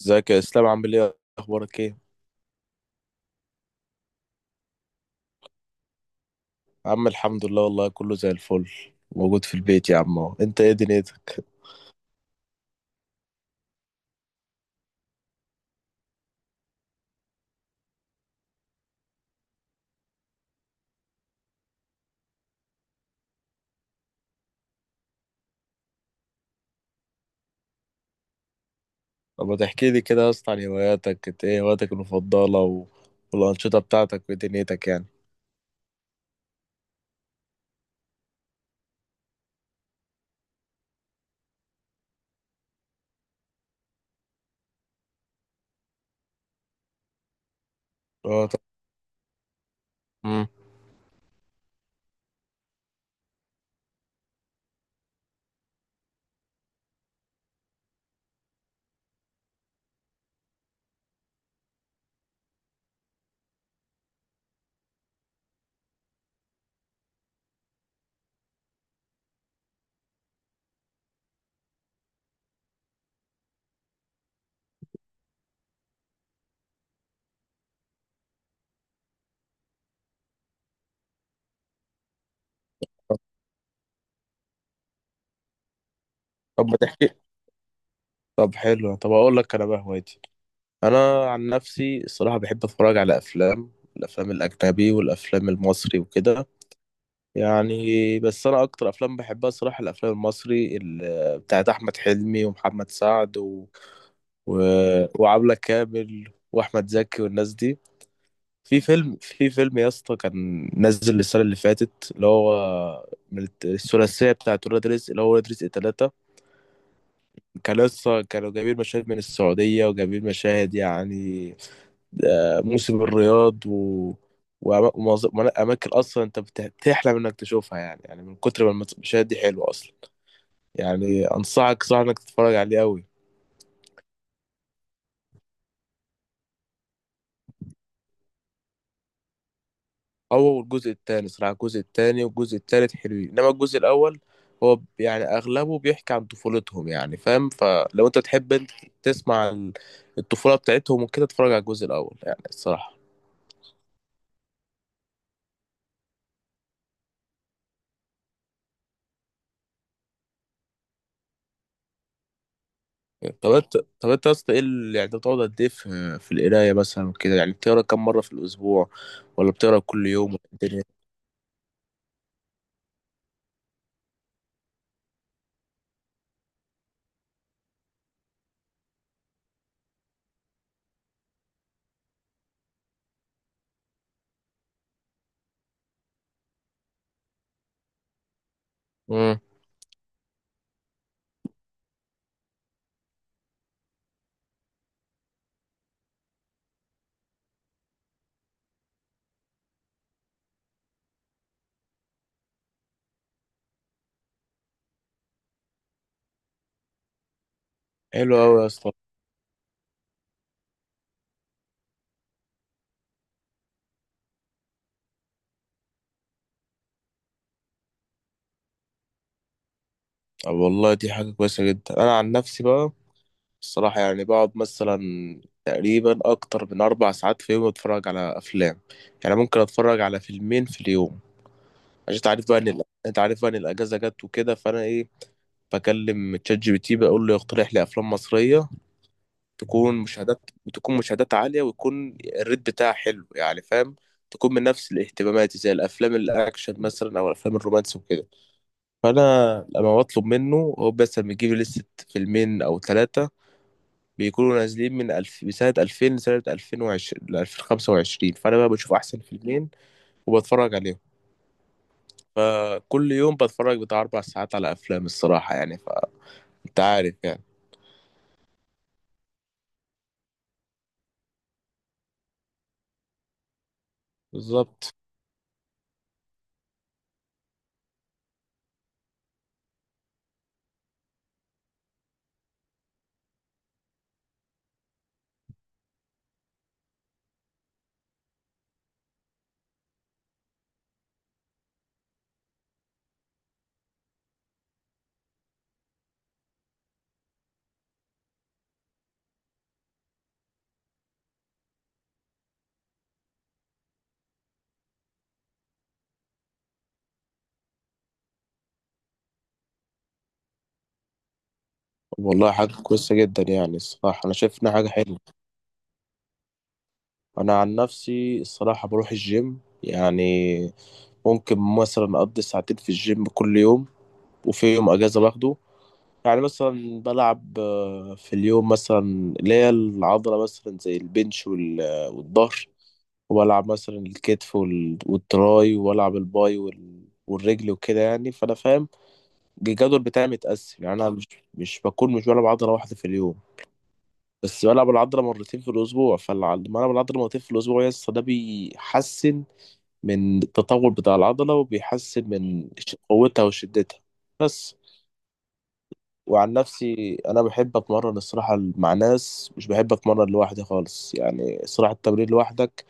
ازيك يا اسلام، عامل ايه، اخبارك ايه يا عم؟ الحمد لله والله، كله زي الفل. موجود في البيت يا عم اهو. انت ايه دنيتك؟ طب ما تحكي لي كده يا اسطى عن هواياتك. انت ايه هواياتك المفضله والانشطه بتاعتك ودنيتك يعني. اه، طب. مم. طب ما تحكي طب حلو، طب اقول لك انا بقى هوايتي. انا عن نفسي الصراحه بحب اتفرج على افلام، الافلام الاجنبي والافلام المصري وكده يعني. بس انا اكتر افلام بحبها الصراحه الافلام المصري بتاعت احمد حلمي ومحمد سعد و... وعبلة كامل واحمد زكي والناس دي. في فيلم يا اسطى كان نزل السنه اللي فاتت، اللي هو من الثلاثيه بتاعت ولاد رزق، اللي هو ولاد رزق ثلاثة. كان لسه كانوا جايبين مشاهد من السعوديه وجايبين مشاهد يعني، موسم الرياض اماكن اصلا انت بتحلم انك تشوفها، يعني يعني من كتر ما المشاهد دي حلوه اصلا. يعني انصحك صح انك تتفرج عليه قوي. هو الجزء التاني صراحة، الجزء التاني والجزء التالت حلوين، انما الجزء الاول هو يعني اغلبه بيحكي عن طفولتهم يعني فاهم. فلو انت تحب انت تسمع عن الطفولة بتاعتهم وكده اتفرج على الجزء الاول يعني الصراحة. طب انت يا اسطى ايه يعني انت بتقعد قد ايه في القراية مثلا كده؟ يعني بتقرا كم مرة في الاسبوع ولا بتقرا كل يوم ولا الدنيا؟ امم. حلو قوي يا اسطى. طب والله دي حاجة كويسة جدا. انا عن نفسي بقى الصراحة يعني بقعد مثلا تقريبا أكتر من أربع ساعات في يوم أتفرج على أفلام. يعني ممكن أتفرج على فيلمين في اليوم، عشان أنت عارف بقى إن أنت عارف بقى إن الأجازة جت وكده، فأنا إيه، بكلم تشات جي بي تي بقول له يقترح لي أفلام مصرية تكون مشاهدات عالية ويكون الريت بتاعها حلو يعني فاهم، تكون من نفس الاهتمامات زي الأفلام الأكشن مثلا أو الأفلام الرومانسي وكده. فأنا لما بطلب منه هو بس بيجيب لي لستة فيلمين أو ثلاثة بيكونوا نازلين من من سنة 2000 لسنة 2020 ل 2025. فأنا بقى بشوف أحسن فيلمين وبتفرج عليهم. فكل يوم بتفرج بتاع أربع ساعات على أفلام الصراحة، يعني فأنت عارف يعني. بالظبط. والله حاجة كويسة جدا يعني الصراحة، أنا شايف إنها حاجة حلوة. أنا عن نفسي الصراحة بروح الجيم، يعني ممكن مثلا أقضي ساعتين في الجيم كل يوم، وفي يوم أجازة باخده. يعني مثلا بلعب في اليوم مثلا اللي هي العضلة مثلا زي البنش والظهر، وبلعب مثلا الكتف والتراي، وبلعب الباي والرجل وكده، يعني فأنا فاهم الجدول بتاعي متقسم. يعني أنا مش بلعب عضلة واحدة في اليوم، بس بلعب العضلة مرتين في الأسبوع. فلما ألعب العضلة مرتين في الأسبوع يس ده بيحسن من التطور بتاع العضلة وبيحسن من قوتها وشدتها بس. وعن نفسي انا بحب اتمرن الصراحه مع ناس، مش بحب اتمرن لوحدي خالص يعني. الصراحه التمرين لوحدك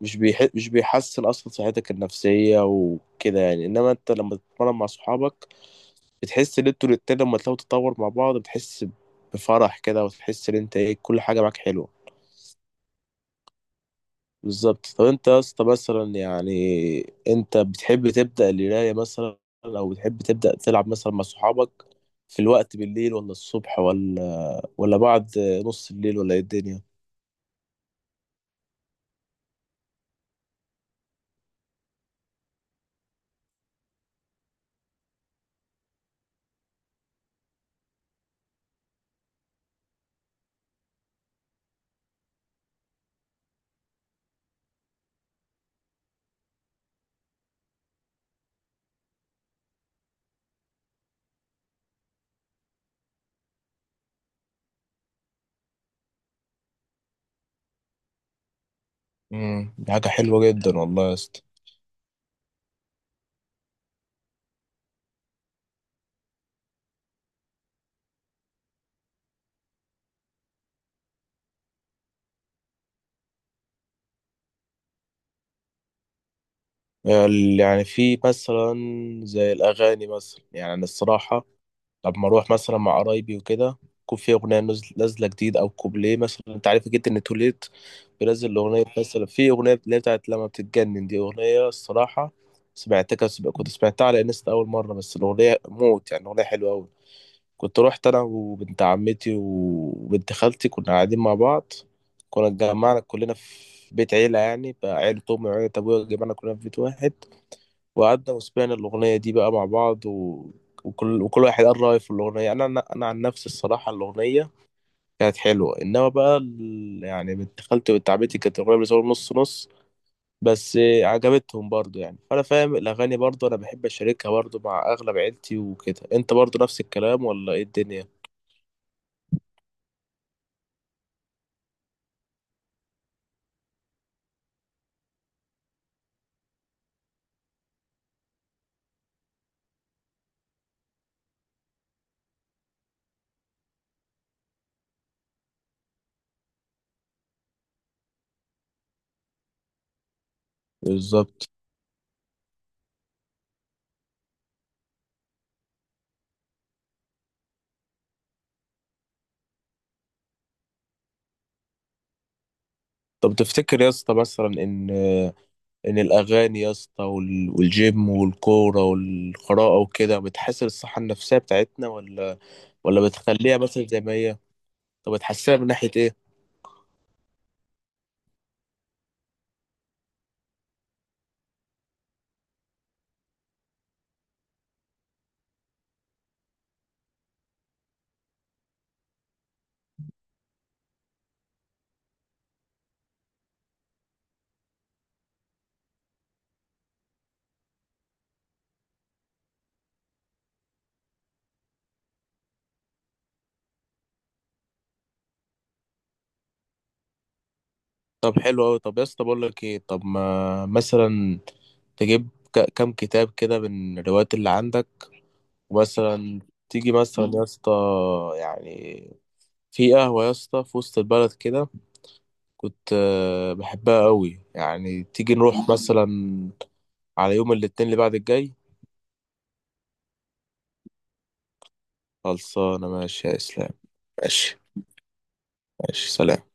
مش بيحسن اصلا صحتك النفسيه وكده يعني، انما انت لما تتمرن مع صحابك بتحس ان انتوا الاتنين لما تلاقوا تتطور مع بعض، بتحس بفرح كده وتحس ان انت ايه كل حاجه معاك حلوه. بالظبط. طب انت يا اسطى مثلا يعني، انت بتحب تبدا القرايه مثلا او بتحب تبدا تلعب مثلا مع صحابك في الوقت بالليل ولا الصبح ولا بعد نص الليل ولا ايه الدنيا؟ امم، دي حاجة حلوة جدا والله يا اسطى. يعني في مثلا زي الأغاني مثلا، يعني أنا الصراحة لما أروح مثلا مع قرايبي وكده يكون في أغنية نازلة جديد أو كوبليه. مثلا أنت عارف جدا إن توليت بينزل الأغنية، مثلا في أغنية اللي هي بتاعت لما بتتجنن، دي أغنية الصراحة سمعتها، كنت سمعتها على انستا أول مرة، بس الأغنية موت يعني، أغنية حلوة أوي. كنت روحت انا وبنت عمتي وبنت خالتي، كنا قاعدين مع بعض، كنا اتجمعنا كلنا في بيت عيلة، يعني بقى عيلة أمي وعيلة أبويا اتجمعنا كلنا في بيت واحد. وقعدنا وسمعنا الأغنية دي بقى مع بعض، وكل وكل واحد قال رأيه في الأغنية. أنا عن نفسي الصراحة الأغنية كانت حلوة، إنما بقى يعني بنت خالتي وبنت عمتي كانت الأغنية بالنسبة لهم نص نص، بس عجبتهم برضو يعني فأنا فاهم. الأغاني برضو أنا بحب أشاركها برضو مع أغلب عيلتي وكده. أنت برضو نفس الكلام ولا إيه الدنيا؟ بالظبط. طب تفتكر يا اسطى مثلا ان الاغاني يا اسطى والجيم والكوره والقراءه وكده بتحسن الصحه النفسيه بتاعتنا ولا بتخليها مثلا زي ما هي؟ طب بتحسنها من ناحيه ايه؟ طب حلو قوي. طب يا اسطى بقول لك ايه، طب ما مثلا تجيب كام كتاب كده من الروايات اللي عندك، ومثلا تيجي مثلا يا اسطى يعني في قهوة يا اسطى في وسط البلد كده كنت بحبها قوي. يعني تيجي نروح مثلا على يوم الاثنين اللي بعد الجاي. خلصانة، ماشي يا اسلام. ماشي، ماشي، سلام.